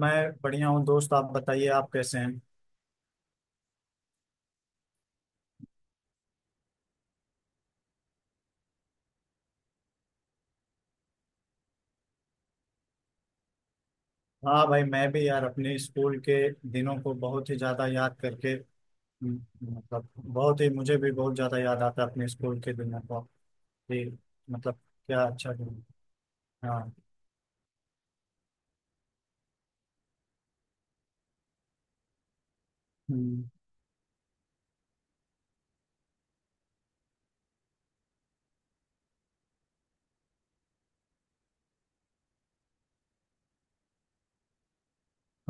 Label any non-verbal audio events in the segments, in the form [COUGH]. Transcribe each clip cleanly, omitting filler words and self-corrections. मैं बढ़िया हूँ दोस्त। आप बताइए आप कैसे हैं? हाँ भाई मैं भी यार अपने स्कूल के दिनों को बहुत ही ज़्यादा याद करके, हम्म, मतलब बहुत ही मुझे भी बहुत ज़्यादा याद आता है अपने स्कूल के दिनों को। कि मतलब क्या अच्छा दिन। हाँ। हम्म।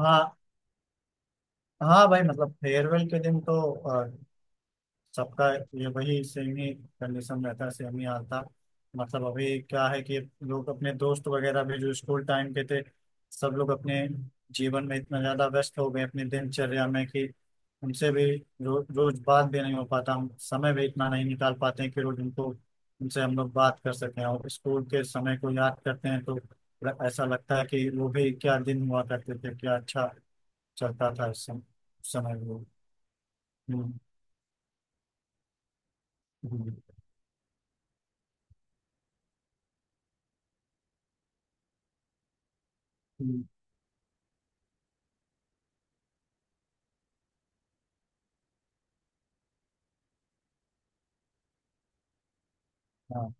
हाँ। हाँ भाई मतलब फेयरवेल के दिन तो सबका ये वही सेम ही कंडीशन रहता है, सेम ही हाल था। मतलब अभी क्या है कि लोग अपने दोस्त वगैरह भी जो स्कूल टाइम के थे, सब लोग अपने जीवन में इतना ज्यादा व्यस्त हो गए अपनी दिनचर्या में कि उनसे भी रोज बात भी नहीं हो पाता। हम समय भी इतना नहीं निकाल पाते हैं कि रोज उनको उनसे हम लोग बात कर सकें, और स्कूल के समय को याद करते हैं तो ऐसा लगता है कि वो भी क्या दिन हुआ करते थे, क्या अच्छा चलता था उस समय, उस समय वो। हम्म, हम्म, हम्म, हाँ।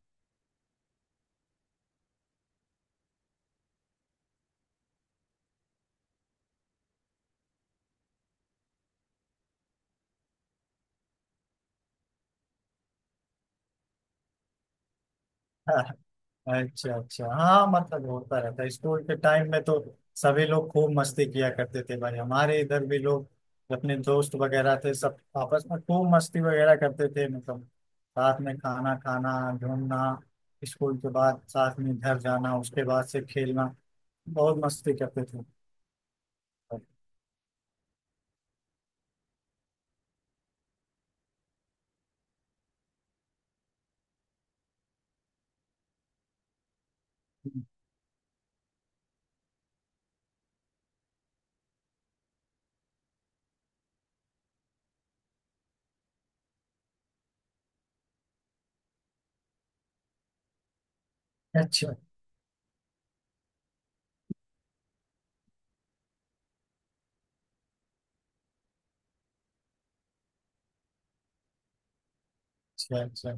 [LAUGHS] अच्छा अच्छा। हाँ मतलब होता रहता है स्कूल के टाइम में तो। सभी लोग खूब मस्ती किया करते थे भाई। हमारे इधर भी लोग, अपने दोस्त वगैरह थे सब, आपस में खूब मस्ती वगैरह करते थे। मतलब साथ में खाना खाना, घूमना, स्कूल के बाद साथ में घर जाना, उसके बाद से खेलना, बहुत मस्ती करते थे। अच्छा अच्छा। अच्छा।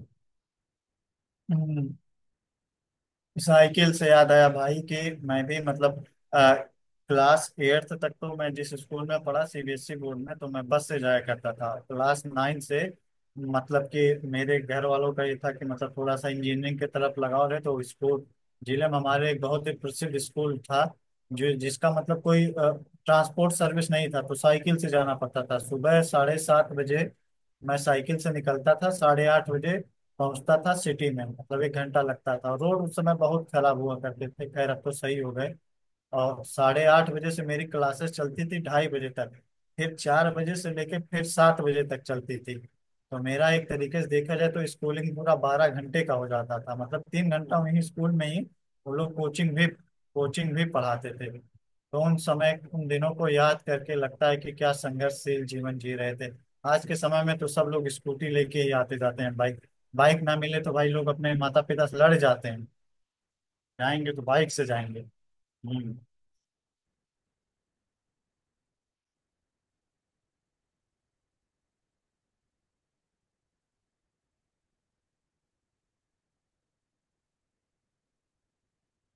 हम्म। साइकिल से याद आया भाई कि मैं भी मतलब आ, क्लास एट्थ तक तो मैं जिस स्कूल में पढ़ा सीबीएसई बोर्ड में, तो मैं बस से जाया करता था। क्लास नाइन से मतलब कि मेरे घर वालों का ये था कि मतलब थोड़ा सा इंजीनियरिंग की तरफ लगाव रहे तो स्कूल, जिले में हमारे एक बहुत ही प्रसिद्ध स्कूल था जो, जिसका मतलब कोई ट्रांसपोर्ट सर्विस नहीं था, तो साइकिल से जाना पड़ता था। सुबह 7:30 बजे मैं साइकिल से निकलता था, 8:30 बजे पहुंचता था सिटी में, मतलब 1 घंटा लगता था। रोड उस समय बहुत खराब हुआ करते थे, खैर अब तो सही हो गए। और 8:30 बजे से मेरी क्लासेस चलती थी 2:30 बजे तक, फिर 4 बजे से लेके फिर 7 बजे तक चलती थी। तो मेरा एक तरीके से देखा जाए तो स्कूलिंग पूरा 12 घंटे का हो जाता था। मतलब 3 घंटा वहीं स्कूल में ही वो लोग कोचिंग भी पढ़ाते थे। तो उन समय, उन दिनों को याद करके लगता है कि क्या संघर्षशील जीवन जी रहे थे। आज के समय में तो सब लोग स्कूटी लेके ही आते जाते हैं, बाइक। बाइक ना मिले तो भाई लोग अपने माता पिता से लड़ जाते हैं। जाएंगे तो बाइक से जाएंगे। हम्म।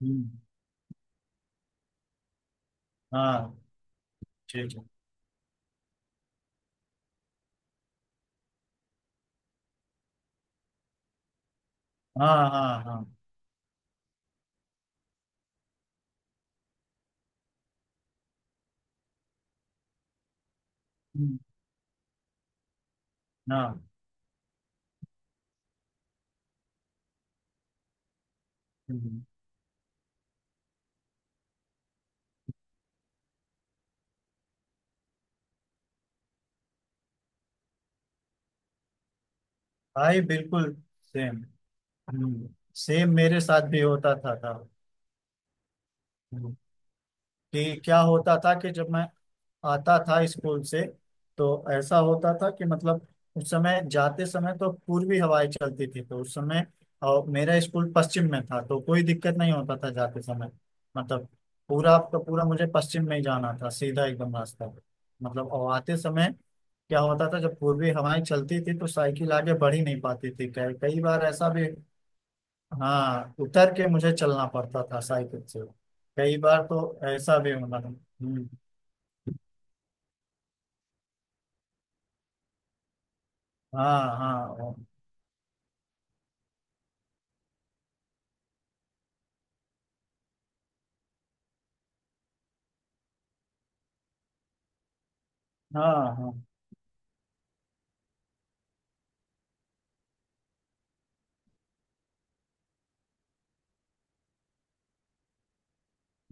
हम्म। हाँ। ठीक है। हाँ हाँ हाँ। हम्म। हाँ। हम्म। भाई बिल्कुल सेम। सेम मेरे साथ भी होता था। हम्म, कि क्या होता था कि जब मैं आता था स्कूल से, तो ऐसा होता था कि मतलब उस समय जाते समय तो पूर्वी हवाएं चलती थी, तो उस समय, और मेरा स्कूल पश्चिम में था तो कोई दिक्कत नहीं होता था जाते समय। मतलब पूरा आपका पूरा मुझे पश्चिम में ही जाना था, सीधा एकदम रास्ता। मतलब और आते समय क्या होता था, जब पूर्वी हवाएं चलती थी तो साइकिल आगे बढ़ ही नहीं पाती थी, कई कई बार ऐसा भी। हाँ उतर के मुझे चलना पड़ता था साइकिल से। कई बार तो ऐसा भी मतलब। हाँ। हाँ। हाँ। हाँ।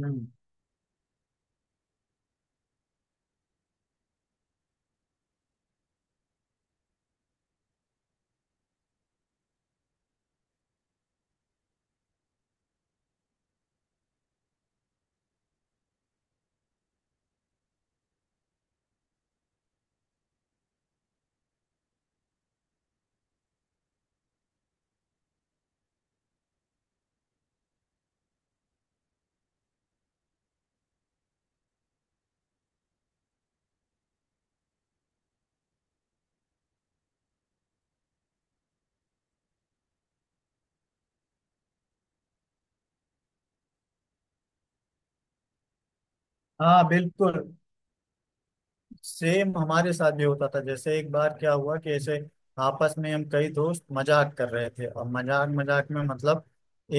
हम्म, हाँ बिल्कुल। सेम हमारे साथ भी होता था। जैसे एक बार क्या हुआ कि ऐसे आपस में हम कई दोस्त मजाक कर रहे थे, और मजाक मजाक में मतलब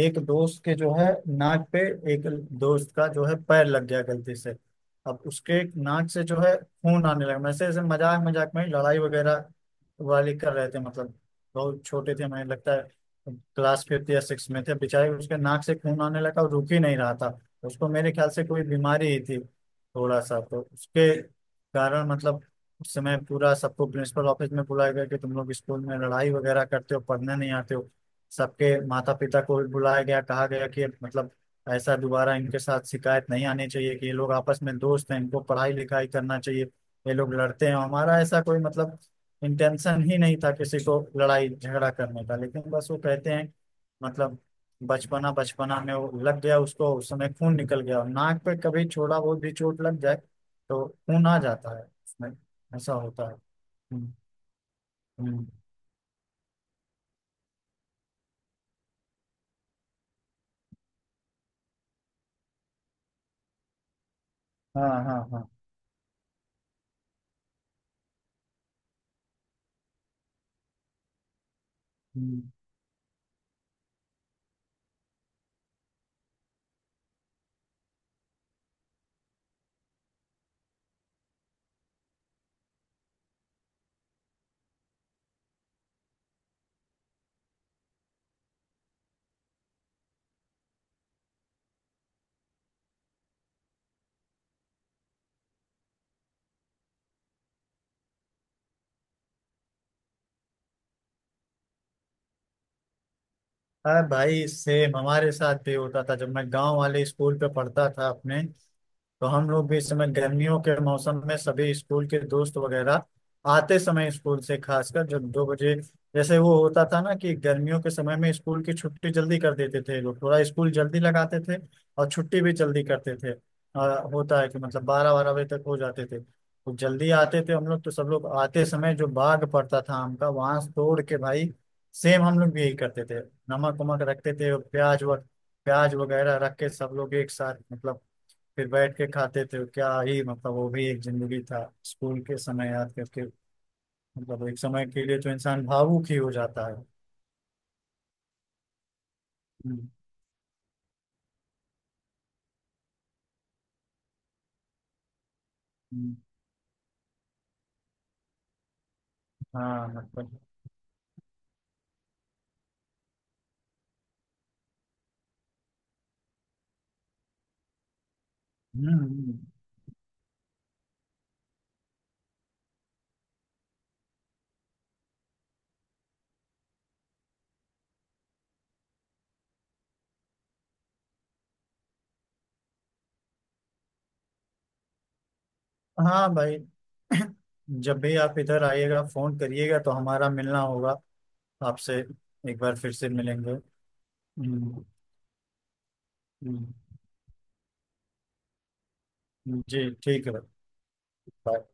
एक दोस्त के जो है नाक पे, एक दोस्त का जो है पैर लग गया गलती से। अब उसके नाक से जो है खून आने लगा। वैसे ऐसे मजाक मजाक में ही लड़ाई वगैरह वाली कर रहे थे, मतलब बहुत छोटे थे। मुझे लगता है क्लास फिफ्थ या सिक्स में थे। बेचारे उसके नाक से खून आने लगा और रुक ही नहीं रहा था। उसको मेरे ख्याल से कोई बीमारी ही थी थोड़ा सा, तो उसके कारण मतलब उस समय पूरा सबको प्रिंसिपल ऑफिस में बुलाया गया कि तुम लोग स्कूल में लड़ाई वगैरह करते हो, पढ़ने नहीं आते हो। सबके माता पिता को भी बुलाया गया, कहा गया कि मतलब ऐसा दोबारा इनके साथ शिकायत नहीं आनी चाहिए कि ये लोग आपस में दोस्त हैं, इनको पढ़ाई लिखाई करना चाहिए, ये लोग लड़ते हैं। हमारा ऐसा कोई मतलब इंटेंशन ही नहीं था किसी को लड़ाई झगड़ा करने का, लेकिन बस वो कहते हैं मतलब बचपना बचपना में वो लग गया उसको, उस समय खून निकल गया नाक पे। कभी छोड़ा बहुत भी चोट लग जाए तो खून आ जाता है उसमें, ऐसा होता है। हम्म, हम्म, हाँ। हाँ। हाँ। हम्म। अरे भाई सेम हमारे साथ भी होता था जब मैं गांव वाले स्कूल पे पढ़ता था अपने, तो हम लोग भी इस समय गर्मियों के मौसम में सभी स्कूल के दोस्त वगैरह आते समय स्कूल से, खासकर जब 2 बजे, जैसे वो होता था ना कि गर्मियों के समय में स्कूल की छुट्टी जल्दी कर देते थे लोग। थोड़ा स्कूल जल्दी लगाते थे और छुट्टी भी जल्दी करते थे। होता है कि मतलब 12-12 बजे तक हो जाते थे, तो जल्दी आते थे हम लोग, तो सब लोग आते समय जो बाग पड़ता था आम का वहां से तोड़ के भाई, सेम हम लोग भी यही करते थे। नमक वमक रखते थे और प्याज व प्याज वगैरह रख के सब लोग एक साथ मतलब फिर बैठ के खाते थे। क्या ही मतलब, वो भी एक जिंदगी था स्कूल के समय याद करके। मतलब एक समय के लिए तो इंसान भावुक ही हो जाता है। हम्म। हम्म। हाँ मतलब। हम्म। हम्म। हाँ भाई। [CLEARS THROAT] जब भी आप इधर आइएगा फोन करिएगा तो हमारा मिलना होगा आपसे, एक बार फिर से मिलेंगे। हम्म। हम्म। हम्म। जी ठीक है भाई। बाय।